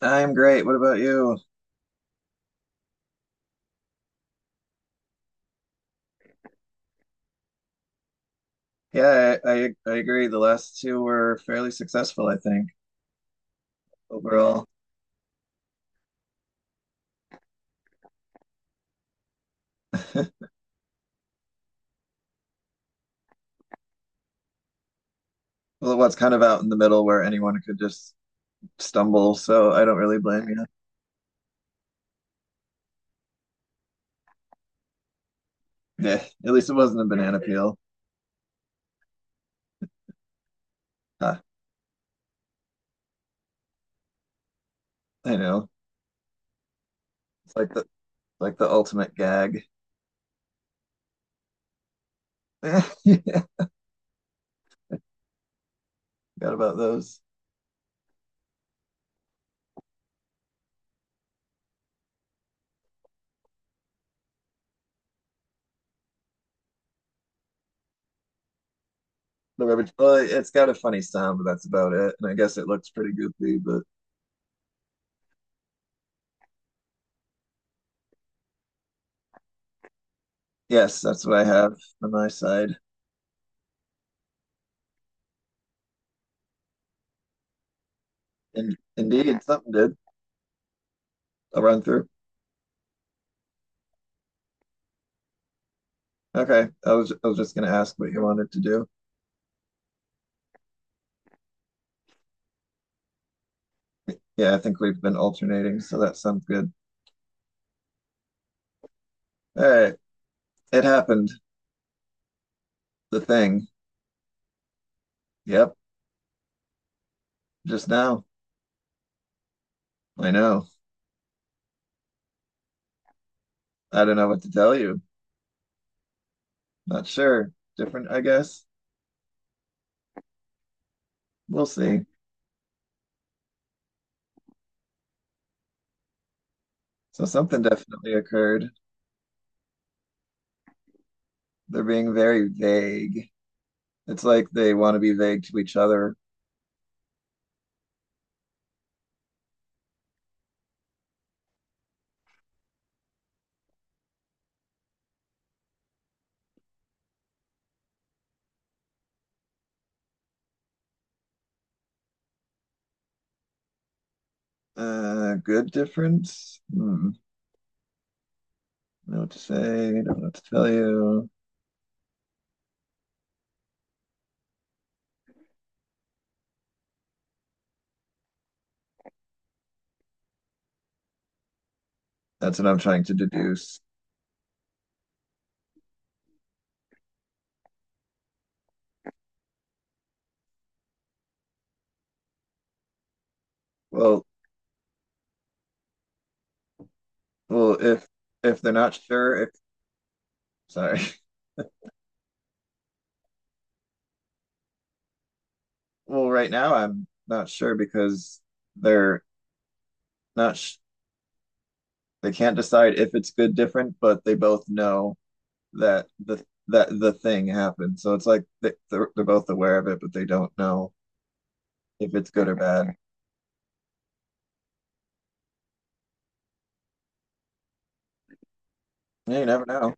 I'm great. What about you? Yeah, I agree. The last two were fairly successful, I think, overall. Well, what's kind of out in the middle where anyone could just stumble, so I don't really blame you. Yeah, at least it wasn't a banana peel. Huh, I know. It's like the ultimate gag. Yeah, forgot about those. The rubber. Well, it's got a funny sound, but that's about it. And I guess it looks pretty goofy, but yes, that's what I have on my side. And indeed, something did. I'll run through. Okay, I was just gonna ask what you wanted to do. Yeah, I think we've been alternating, so that sounds good. All right, it happened. The thing. Yep, just now. I know. I don't know what to tell you. Not sure. Different, I guess. We'll see. So something definitely occurred. They're being very vague. It's like they want to be vague to each other. Good difference? Hmm. Don't know what to say. Don't know what to tell you. That's what I'm trying to deduce. Well, well, if they're not sure. Sorry. Well, right now I'm not sure because they're not sh they can't decide if it's good different, but they both know that the thing happened. So it's like they're both aware of it, but they don't know if it's good or bad. Yeah, you never know.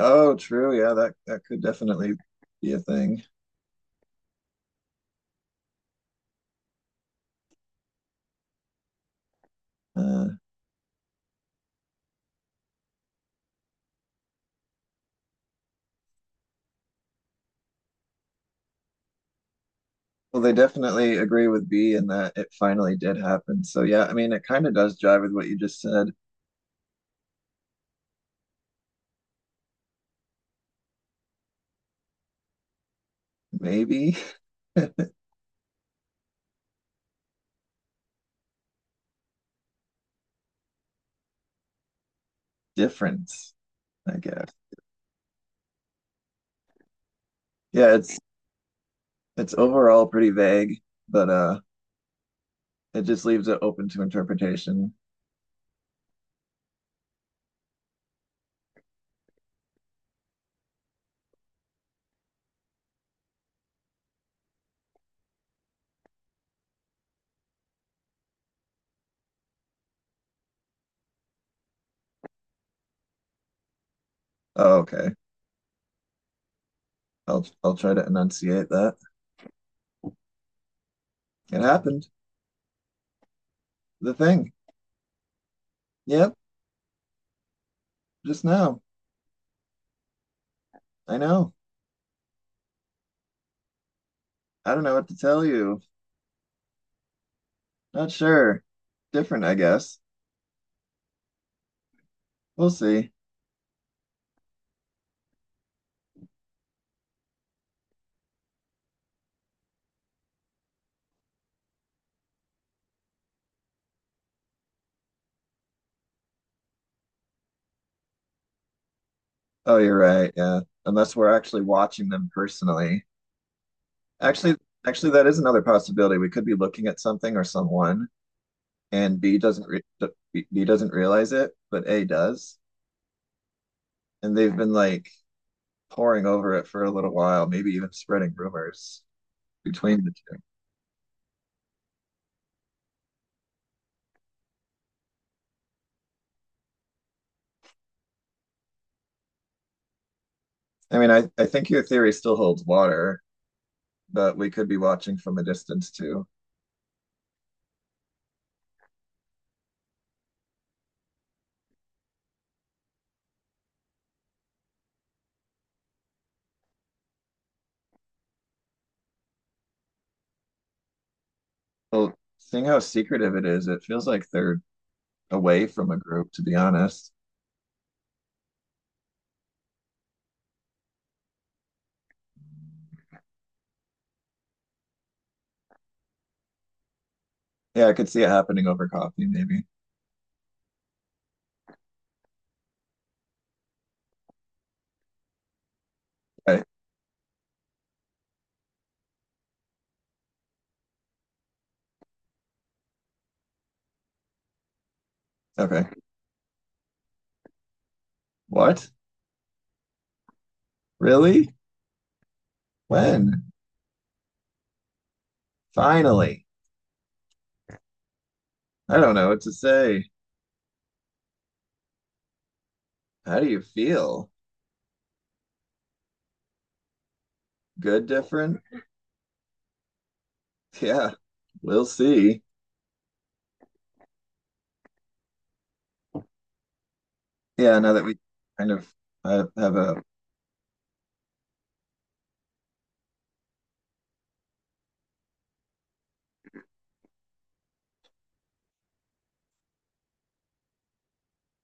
Oh, true. Yeah, that could definitely be a thing. Uh, well, they definitely agree with B in that it finally did happen. So yeah, I mean, it kind of does jive with what you just said. Maybe. Difference, I guess. Yeah, it's overall pretty vague, but it just leaves it open to interpretation. Oh, okay. I'll try to enunciate that. It happened. The thing. Yep, just now. I know. I don't know what to tell you. Not sure. Different, I guess. We'll see. Oh, you're right. Yeah. Unless we're actually watching them personally. Actually, actually that is another possibility. We could be looking at something or someone and B doesn't realize it, but A does. And they've been like poring over it for a little while, maybe even spreading rumors between the two. I mean, I think your theory still holds water, but we could be watching from a distance too. Well, seeing how secretive it is, it feels like they're away from a group, to be honest. Yeah, I could see it happening over coffee, maybe. Right? Okay. What? Really? When? Finally. I don't know what to say. How do you feel? Good, different? Yeah, we'll see. Yeah, now that we kind of have a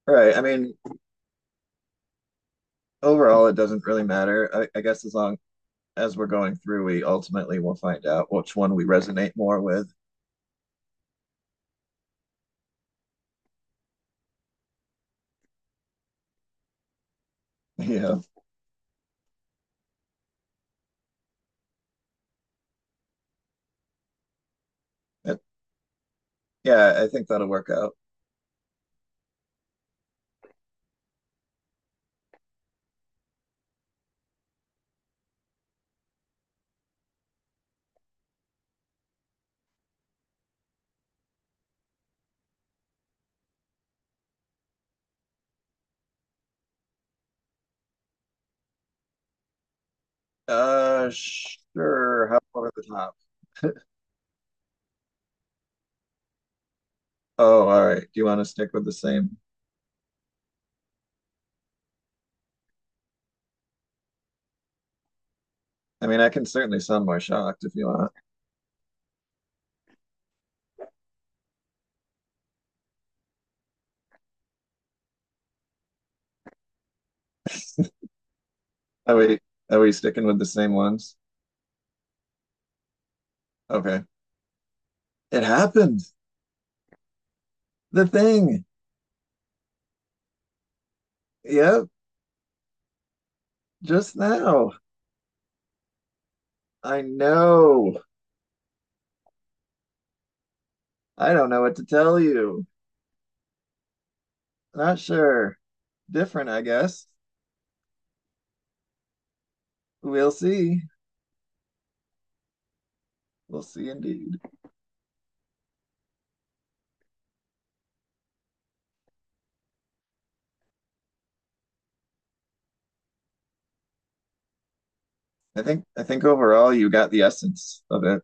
Right. I mean, overall, it doesn't really matter. I guess as long as we're going through, we ultimately will find out which one we resonate more with. Yeah. It- yeah, I think that'll work out. Sure. How over the top? Oh, all right. Do you want to stick with the same? I mean, I can certainly sound more shocked if you want. Are we are we sticking with the same ones? Okay. It happened. The thing. Yep, just now. I know. I don't know what to tell you. Not sure. Different, I guess. We'll see. We'll see indeed. I think overall you got the essence of it.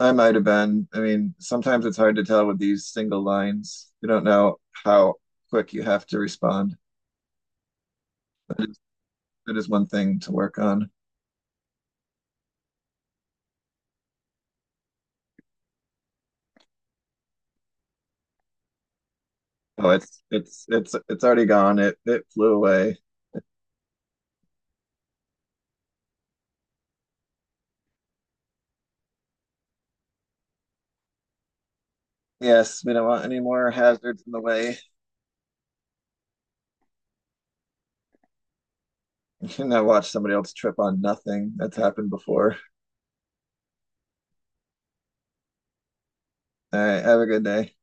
I might have been. I mean, sometimes it's hard to tell with these single lines. You don't know how quick you have to respond. That is, that is one thing to work on. Oh, it's already gone. It flew away. Yes, we don't want any more hazards in the way. And I watched somebody else trip on nothing. That's happened before. All right, have a good day.